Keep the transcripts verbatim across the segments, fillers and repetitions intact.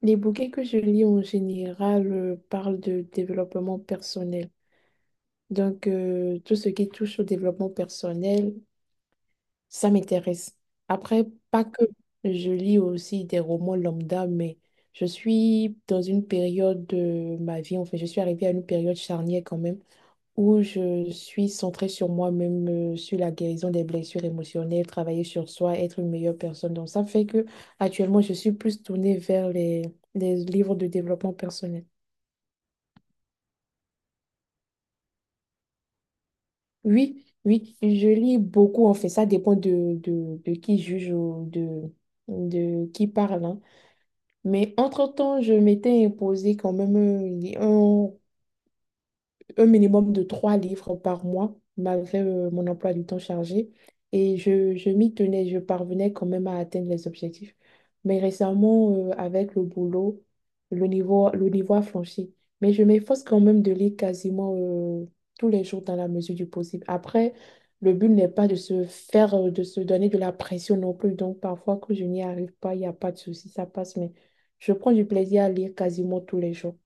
Les bouquins que je lis en général euh, parlent de développement personnel. Donc, euh, tout ce qui touche au développement personnel, ça m'intéresse. Après, pas que je lis aussi des romans lambda, mais je suis dans une période de ma vie, enfin, je suis arrivée à une période charnière quand même où je suis centrée sur moi-même, euh, sur la guérison des blessures émotionnelles, travailler sur soi, être une meilleure personne. Donc ça fait que actuellement, je suis plus tournée vers les, les livres de développement personnel. Oui, oui, je lis beaucoup en fait. Ça dépend de, de, de qui juge ou de, de qui parle. Hein. Mais entre-temps, je m'étais imposé quand même un, un un minimum de trois livres par mois, malgré euh, mon emploi du temps chargé. Et je, je m'y tenais, je parvenais quand même à atteindre les objectifs. Mais récemment, euh, avec le boulot, le niveau, le niveau a flanché. Mais je m'efforce quand même de lire quasiment euh, tous les jours dans la mesure du possible. Après, le but n'est pas de se faire, euh, de se donner de la pression non plus. Donc, parfois, quand je n'y arrive pas, il n'y a pas de souci, ça passe. Mais je prends du plaisir à lire quasiment tous les jours.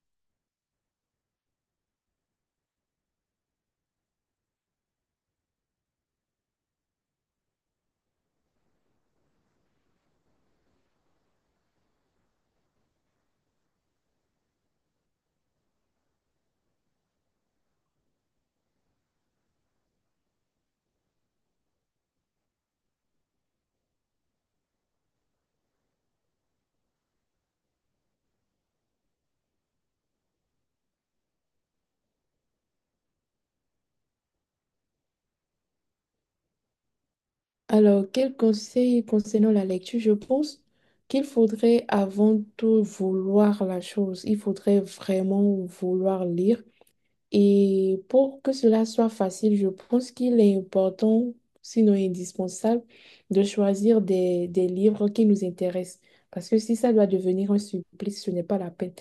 Alors, quel conseil concernant la lecture? Je pense qu'il faudrait avant tout vouloir la chose. Il faudrait vraiment vouloir lire. Et pour que cela soit facile, je pense qu'il est important, sinon indispensable, de choisir des, des livres qui nous intéressent. Parce que si ça doit devenir un supplice, ce n'est pas la peine.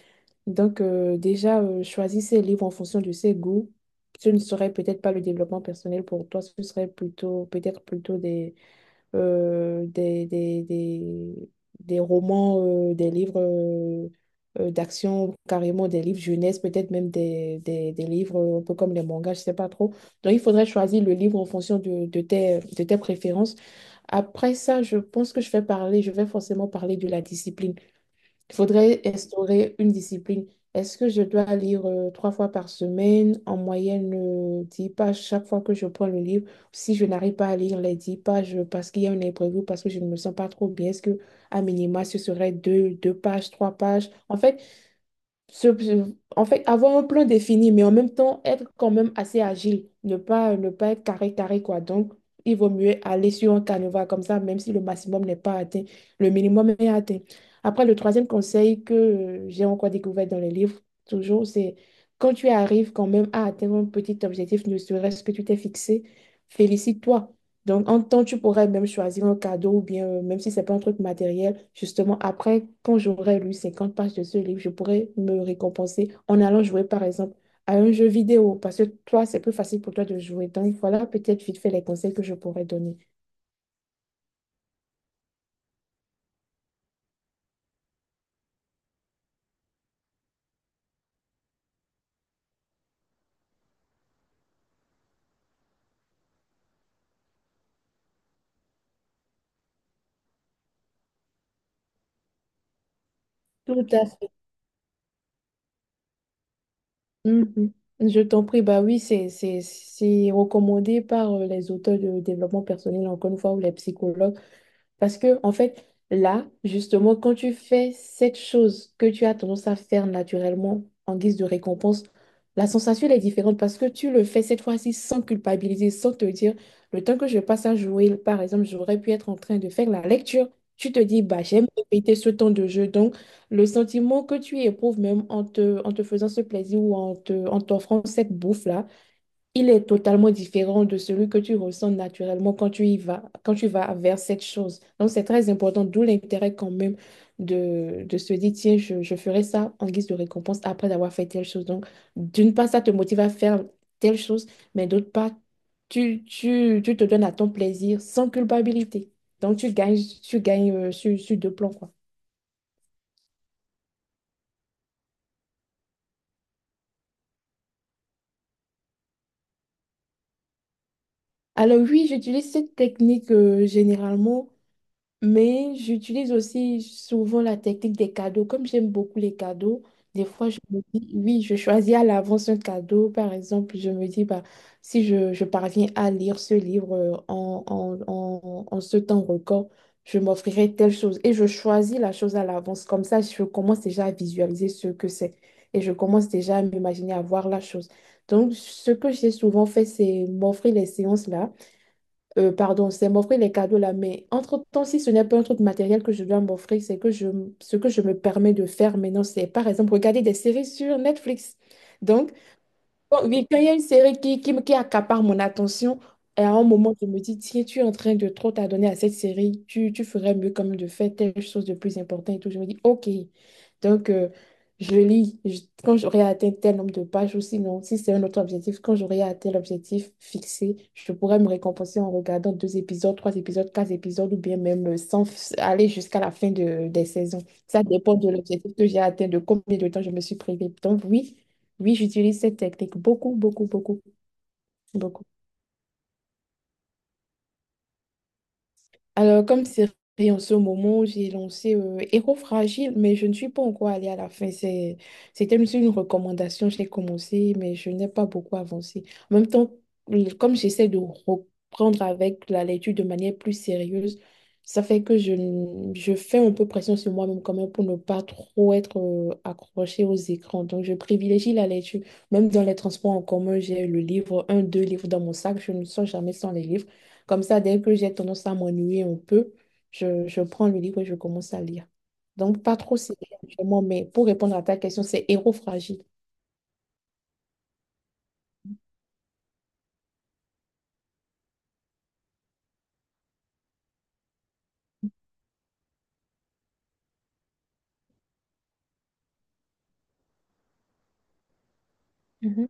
Donc, euh, déjà, euh, choisir ces livres en fonction de ses goûts. Ce ne serait peut-être pas le développement personnel pour toi, ce serait plutôt, peut-être plutôt des euh, des, des, des, des romans, euh, des livres euh, euh, d'action, carrément des livres jeunesse, peut-être même des, des, des livres euh, un peu comme les mangas, je sais pas trop. Donc, il faudrait choisir le livre en fonction de, de tes, de tes préférences. Après ça, je pense que je vais parler, je vais forcément parler de la discipline. Il faudrait instaurer une discipline. Est-ce que je dois lire euh, trois fois par semaine, en moyenne euh, dix pages chaque fois que je prends le livre? Si je n'arrive pas à lire les dix pages parce qu'il y a un imprévu, parce que je ne me sens pas trop bien, est-ce que à minima ce serait deux, deux pages, trois pages? En fait, se- se- en fait, avoir un plan défini, mais en même temps être quand même assez agile, ne pas, ne pas être carré, carré, quoi. Donc, il vaut mieux aller sur un canevas comme ça, même si le maximum n'est pas atteint, le minimum est atteint. Après, le troisième conseil que euh, j'ai encore découvert dans les livres, toujours, c'est quand tu arrives quand même à atteindre un petit objectif, ne serait-ce que tu t'es fixé, félicite-toi. Donc, en temps, tu pourrais même choisir un cadeau ou bien, euh, même si c'est pas un truc matériel, justement, après, quand j'aurai lu cinquante pages de ce livre, je pourrais me récompenser en allant jouer, par exemple, à un jeu vidéo, parce que toi, c'est plus facile pour toi de jouer. Donc, voilà peut-être vite fait les conseils que je pourrais donner. Tout à fait. Mhm. Je t'en prie, bah oui, c'est c'est- c'est recommandé par euh, les auteurs de développement personnel, encore une fois, ou les psychologues. Parce que, en fait, là, justement, quand tu fais cette chose que tu as tendance à faire naturellement en guise de récompense, la sensation, elle est différente parce que tu le fais cette fois-ci sans culpabiliser, sans te dire, le temps que je passe à jouer, par exemple, j'aurais pu être en train de faire la lecture. Tu te dis, bah, j'aime répéter ce temps de jeu. Donc, le sentiment que tu éprouves même en te, en te faisant ce plaisir ou en te, en t'offrant cette bouffe-là, il est totalement différent de celui que tu ressens naturellement quand tu y vas, quand tu vas vers cette chose. Donc, c'est très important, d'où l'intérêt quand même de, de se dire, tiens, je, je ferai ça en guise de récompense après d'avoir fait telle chose. Donc, d'une part, ça te motive à faire telle chose, mais d'autre part, tu, tu, tu te donnes à ton plaisir sans culpabilité. Donc, tu gagnes, tu gagnes euh, sur, sur deux plans, quoi. Alors oui, j'utilise cette technique euh, généralement. Mais j'utilise aussi souvent la technique des cadeaux. Comme j'aime beaucoup les cadeaux, des fois je me dis, oui, je choisis à l'avance un cadeau. Par exemple, je me dis, bah, si je, je parviens à lire ce livre euh, en, en, en, en ce temps record, je m'offrirai telle chose. Et je choisis la chose à l'avance. Comme ça, je commence déjà à visualiser ce que c'est. Et je commence déjà à m'imaginer avoir la chose. Donc, ce que j'ai souvent fait, c'est m'offrir les séances là euh, pardon, c'est m'offrir les cadeaux là, mais entre-temps, si ce n'est pas un truc matériel que je dois m'offrir, c'est que je, ce que je me permets de faire maintenant, c'est par exemple regarder des séries sur Netflix. Donc, bon, oui, quand il y a une série qui, qui, me- qui accapare mon attention, et à un moment, je me dis, tiens, tu es en train de trop t'adonner à cette série, tu, tu ferais mieux quand même de faire telle chose de plus importante et tout. Je me dis, OK. Donc, euh, je lis Je- quand j'aurai atteint tel nombre de pages ou sinon, si c'est un autre objectif, quand j'aurai atteint l'objectif fixé, je pourrais me récompenser en regardant deux épisodes, trois épisodes, quatre épisodes ou bien même euh, sans f- aller jusqu'à la fin de, des saisons. Ça dépend de l'objectif que j'ai atteint, de combien de temps je me suis privée. Donc, oui. Oui, j'utilise cette technique beaucoup, beaucoup, beaucoup, beaucoup. Alors, comme série en ce moment, j'ai lancé euh, Héros Fragile, mais je ne suis pas encore allée à la fin. C'est, c'était juste une recommandation, j'ai commencé, mais je n'ai pas beaucoup avancé. En même temps, le- comme j'essaie de reprendre avec la lecture de manière plus sérieuse, ça fait que je, n- je fais un peu pression sur moi-même quand même pour ne pas trop être euh, accrochée aux écrans. Donc, je privilégie la lecture. Même dans les transports en commun, j'ai le livre, un, deux livres dans mon sac. Je ne sors jamais sans les livres. Comme ça, dès que j'ai tendance à m'ennuyer un peu, je, je prends le livre et je commence à lire. Donc, pas trop série actuellement, mais pour répondre à ta question, c'est Héros fragile. Mhm.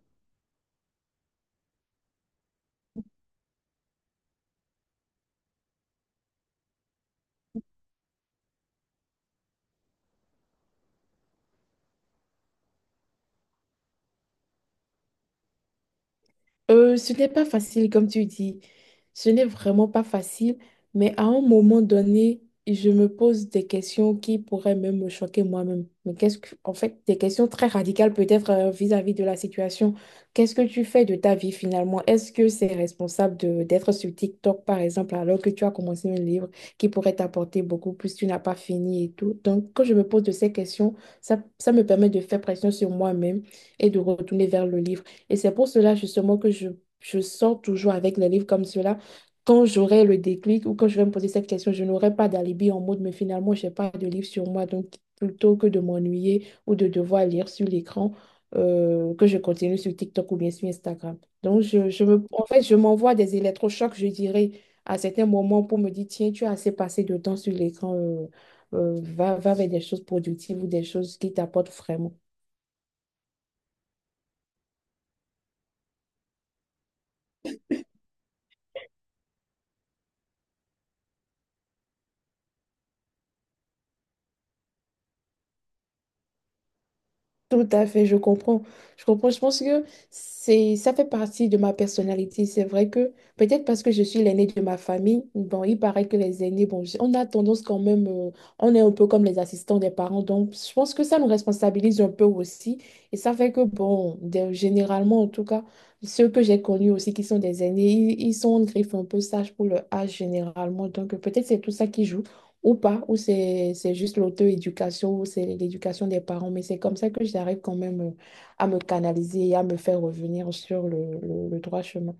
Euh, ce n'est pas facile, comme tu dis. Ce n'est vraiment pas facile, mais à un moment donné, je me pose des questions qui pourraient même me choquer moi-même. Mais qu'est-ce que, en fait, des questions très radicales peut-être euh, vis-à-vis de la situation. Qu'est-ce que tu fais de ta vie finalement? Est-ce que c'est responsable de d'être sur TikTok, par exemple, alors que tu as commencé un livre qui pourrait t'apporter beaucoup plus, tu n'as pas fini et tout? Donc, quand je me pose de ces questions, ça, ça me permet de faire pression sur moi-même et de retourner vers le livre. Et c'est pour cela justement que je, je sors toujours avec les livres comme cela. Quand j'aurai le déclic ou quand je vais me poser cette question, je n'aurai pas d'alibi en mode, mais finalement, je n'ai pas de livre sur moi. Donc, plutôt que de m'ennuyer ou de devoir lire sur l'écran, euh, que je continue sur TikTok ou bien sur Instagram. Donc, je, je me, en fait, je m'envoie des électrochocs, je dirais, à certains moments pour me dire, tiens, tu as assez passé de temps sur l'écran, euh, euh, va, va vers des choses productives ou des choses qui t'apportent vraiment. Tout à fait, je comprends. Je comprends. Je pense que c'est, ça fait partie de ma personnalité. C'est vrai que peut-être parce que je suis l'aînée de ma famille, bon, il paraît que les aînés, bon, j- on a tendance quand même, euh, on est un peu comme les assistants des parents. Donc, je pense que ça nous responsabilise un peu aussi. Et ça fait que, bon, de- généralement, en tout cas, ceux que j'ai connus aussi qui sont des aînés, ils, ils sont en griffe un peu sage pour le âge généralement. Donc, peut-être c'est tout ça qui joue ou pas, ou c'est c'est juste l'auto-éducation, ou c'est l'éducation des parents, mais c'est comme ça que j'arrive quand même euh, à me canaliser et à me faire revenir sur le, le, le droit chemin.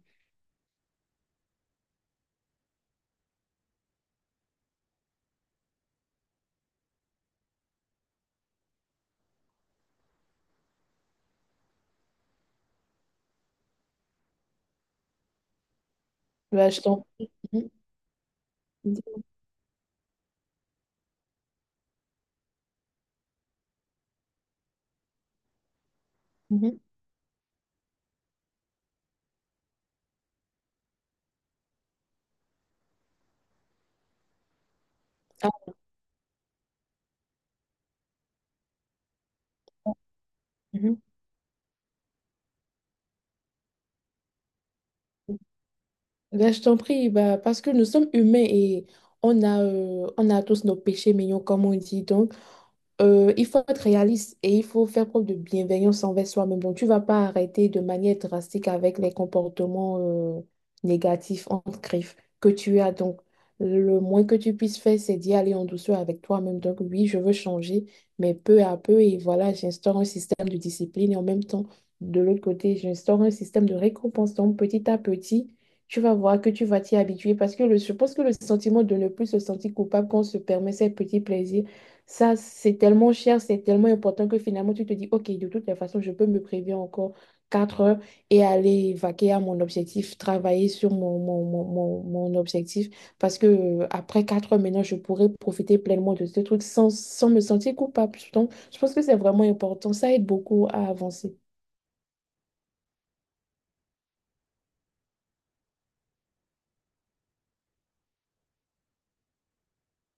Bah, je t'en... Mhm, mhm. Ah, mhm. Ben, je t'en prie, ben, parce que nous sommes humains et on a, euh, on a tous nos péchés mignons, comme on dit. Donc, Euh, il faut être réaliste et il faut faire preuve de bienveillance envers soi-même. Donc, tu vas pas arrêter de manière drastique avec les comportements euh, négatifs, entre griffes, que tu as. Donc, le moins que tu puisses faire, c'est d'y aller en douceur avec toi-même. Donc, oui, je veux changer, mais peu à peu, et voilà, j'instaure un système de discipline et en même temps, de l'autre côté, j'instaure un système de récompense. Donc, petit à petit, tu vas voir que tu vas t'y habituer parce que le- je pense que le sentiment de ne plus se sentir coupable quand on se permet ces petits plaisirs, ça, c'est tellement cher, c'est tellement important que finalement, tu te dis, OK, de toutes les façons, je peux me prévenir encore quatre heures et aller vaquer à mon objectif, travailler sur mon, mon, mon, mon, mon objectif. Parce que euh, après quatre heures, maintenant, je pourrais profiter pleinement de ce truc sans, sans me sentir coupable. Donc, je pense que c'est vraiment important. Ça aide beaucoup à avancer.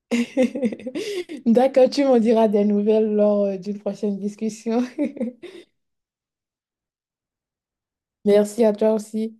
D'accord, tu m'en diras des nouvelles lors euh, d'une prochaine discussion. Merci à toi aussi.